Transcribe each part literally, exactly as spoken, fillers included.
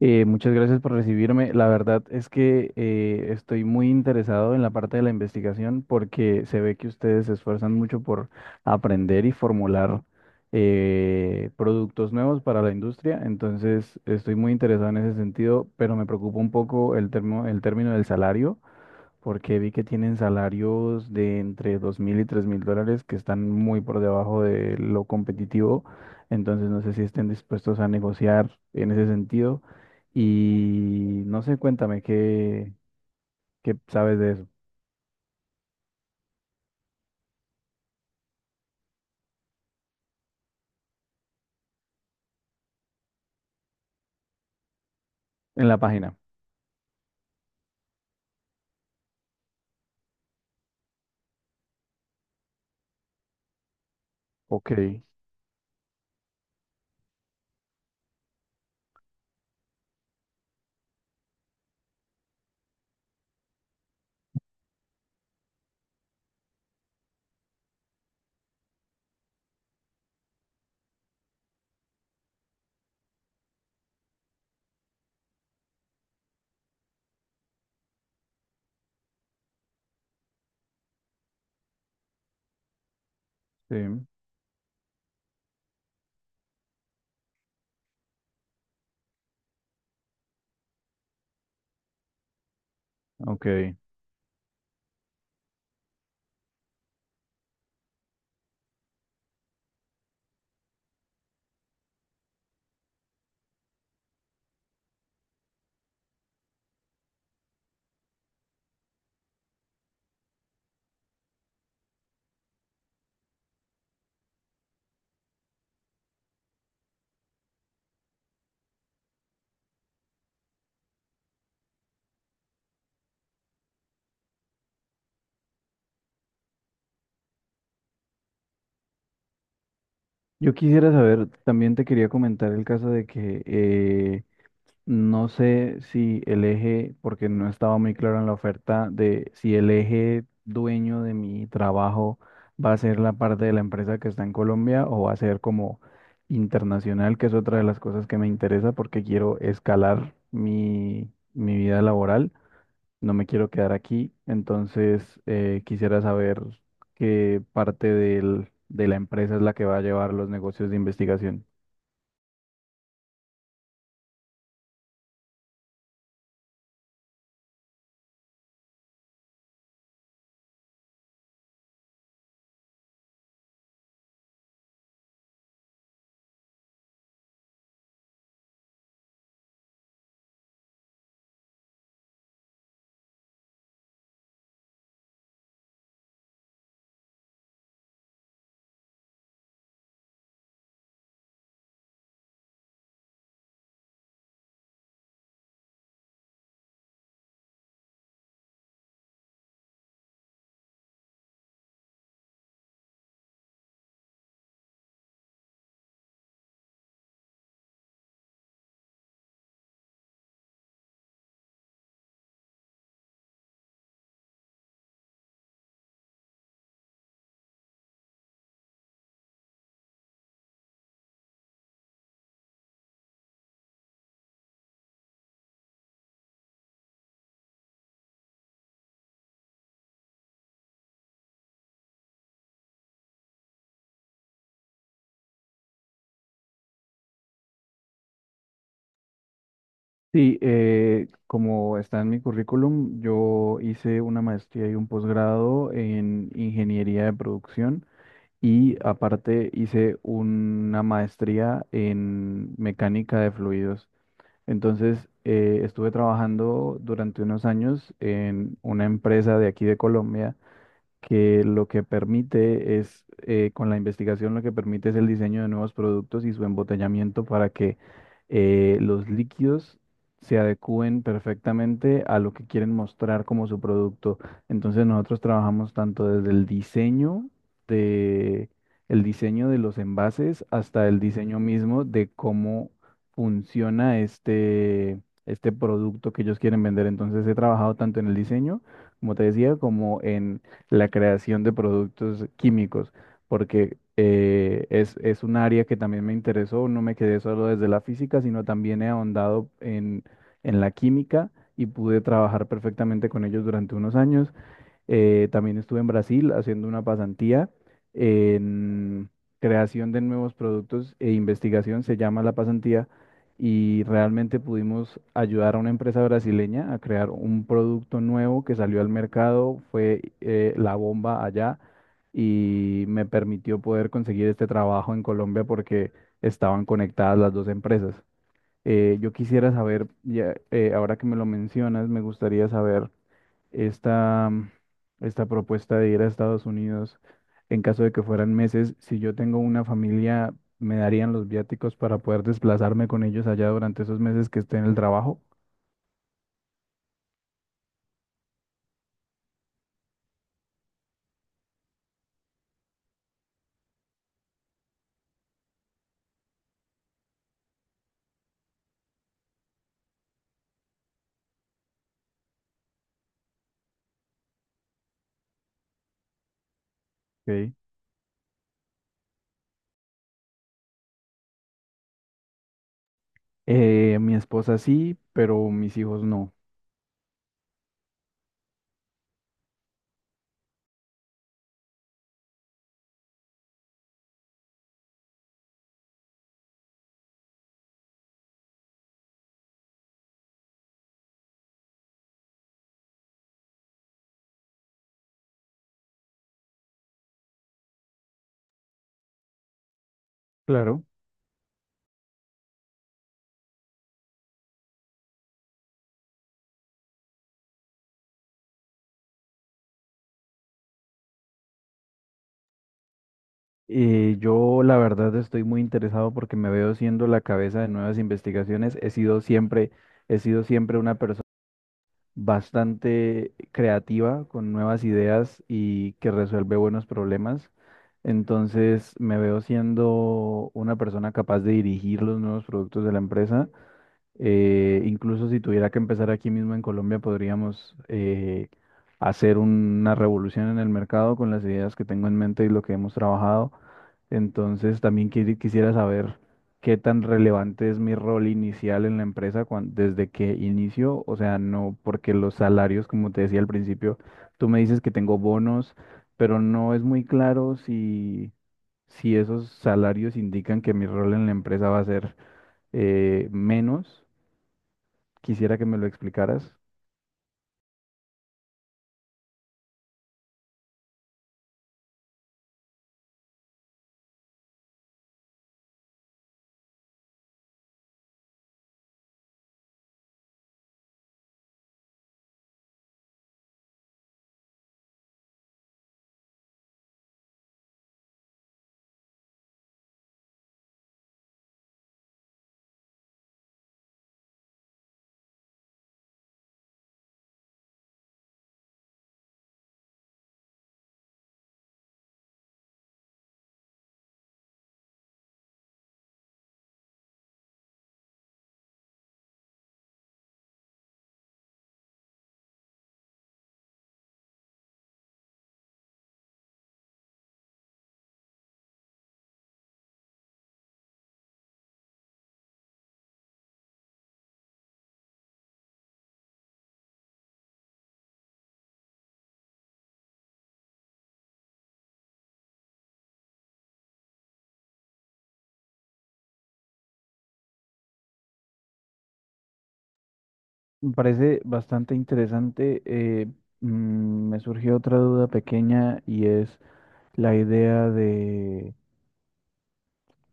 Eh, muchas gracias por recibirme. La verdad es que eh, estoy muy interesado en la parte de la investigación porque se ve que ustedes se esfuerzan mucho por aprender y formular eh, productos nuevos para la industria. Entonces, estoy muy interesado en ese sentido, pero me preocupa un poco el termo- el término del salario porque vi que tienen salarios de entre dos mil y tres mil dólares que están muy por debajo de lo competitivo, entonces no sé si estén dispuestos a negociar en ese sentido y no sé, cuéntame qué, qué sabes de eso en la página. Ok, sí, ok. Yo quisiera saber, también te quería comentar el caso de que eh, no sé si el eje, porque no estaba muy claro en la oferta, de si el eje dueño de mi trabajo va a ser la parte de la empresa que está en Colombia o va a ser como internacional, que es otra de las cosas que me interesa porque quiero escalar mi, mi vida laboral. No me quiero quedar aquí, entonces eh, quisiera saber qué parte del- de la empresa es la que va a llevar los negocios de investigación. Sí, eh, como está en mi currículum, yo hice una maestría y un posgrado en ingeniería de producción y aparte hice una maestría en mecánica de fluidos. Entonces, eh, estuve trabajando durante unos años en una empresa de aquí de Colombia que lo que permite es, eh, con la investigación, lo que permite es el diseño de nuevos productos y su embotellamiento para que eh, los líquidos se adecúen perfectamente a lo que quieren mostrar como su producto. Entonces nosotros trabajamos tanto desde el diseño de, el diseño de los envases hasta el diseño mismo de cómo funciona este, este producto que ellos quieren vender. Entonces he trabajado tanto en el diseño, como te decía, como en la creación de productos químicos, porque eh, es, es un área que también me interesó, no me quedé solo desde la física, sino también he ahondado en, en la química y pude trabajar perfectamente con ellos durante unos años eh, también estuve en Brasil haciendo una pasantía en creación de nuevos productos e investigación, se llama la pasantía, y realmente pudimos ayudar a una empresa brasileña a crear un producto nuevo que salió al mercado, fue eh, la bomba allá y me permitió poder conseguir este trabajo en Colombia porque estaban conectadas las dos empresas. Eh, yo quisiera saber, ya, eh, ahora que me lo mencionas, me gustaría saber esta, esta propuesta de ir a Estados Unidos en caso de que fueran meses. Si yo tengo una familia, ¿me darían los viáticos para poder desplazarme con ellos allá durante esos meses que esté en el trabajo? Ok. Eh, mi esposa sí, pero mis hijos no. Claro. Eh, yo la verdad estoy muy interesado porque me veo siendo la cabeza de nuevas investigaciones. He sido siempre, he sido siempre una persona bastante creativa, con nuevas ideas y que resuelve buenos problemas. Entonces me veo siendo una persona capaz de dirigir los nuevos productos de la empresa eh, incluso si tuviera que empezar aquí mismo en Colombia, podríamos eh, hacer una revolución en el mercado con las ideas que tengo en mente y lo que hemos trabajado. Entonces, también quisi- quisiera saber qué tan relevante es mi rol inicial en la empresa cuan- desde que inicio. O sea, no porque los salarios, como te decía al principio, tú me dices que tengo bonos, pero no es muy claro si, si esos salarios indican que mi rol en la empresa va a ser eh, menos. Quisiera que me lo explicaras. Me parece bastante interesante. Eh, mm, me surgió otra duda pequeña y es la idea de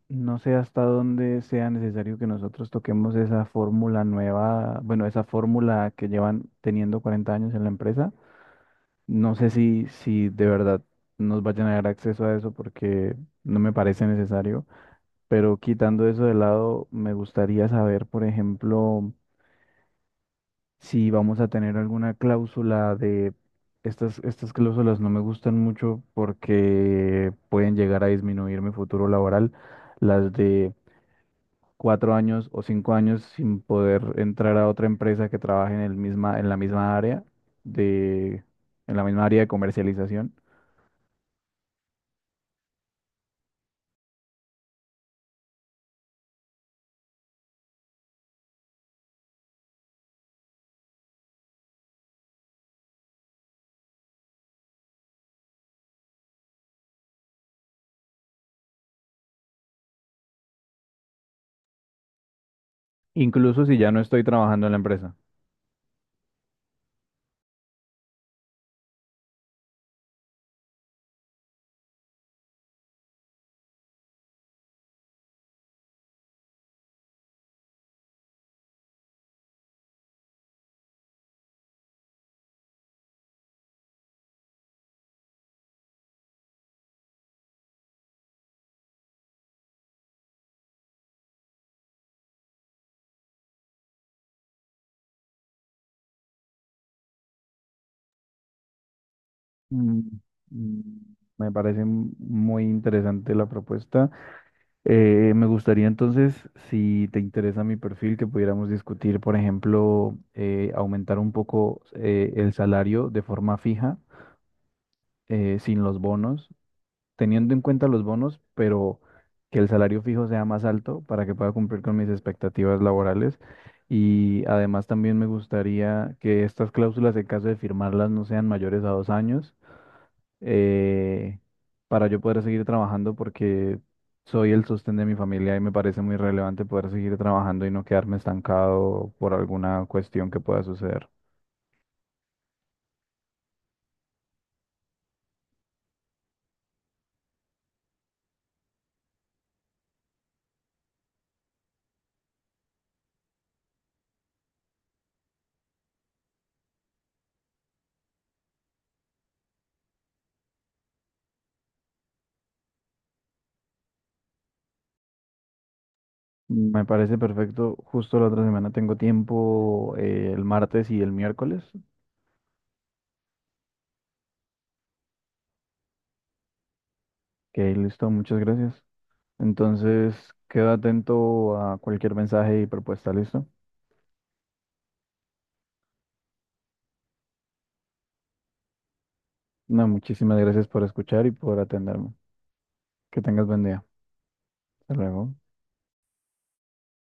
no sé hasta dónde sea necesario que nosotros toquemos esa fórmula nueva, bueno, esa fórmula que llevan teniendo cuarenta años en la empresa. No sé si, si de verdad nos vayan a dar acceso a eso porque no me parece necesario, pero quitando eso de lado, me gustaría saber, por ejemplo, si vamos a tener alguna cláusula de estas, estas cláusulas no me gustan mucho porque pueden llegar a disminuir mi futuro laboral, las de cuatro años o cinco años sin poder entrar a otra empresa que trabaje en el misma, en la misma área de, en la misma área de comercialización, incluso si ya no estoy trabajando en la empresa. Mm, mm, Me parece muy interesante la propuesta. Eh, me gustaría entonces, si te interesa mi perfil, que pudiéramos discutir, por ejemplo, eh, aumentar un poco eh, el salario de forma fija, eh, sin los bonos, teniendo en cuenta los bonos, pero que el salario fijo sea más alto para que pueda cumplir con mis expectativas laborales. Y además también me gustaría que estas cláusulas, en caso de firmarlas, no sean mayores a dos años eh, para yo poder seguir trabajando porque soy el sostén de mi familia y me parece muy relevante poder seguir trabajando y no quedarme estancado por alguna cuestión que pueda suceder. Me parece perfecto. Justo la otra semana tengo tiempo, eh, el martes y el miércoles. Ok, listo, muchas gracias. Entonces, quedo atento a cualquier mensaje y propuesta, ¿listo? No, muchísimas gracias por escuchar y por atenderme. Que tengas buen día. Hasta luego.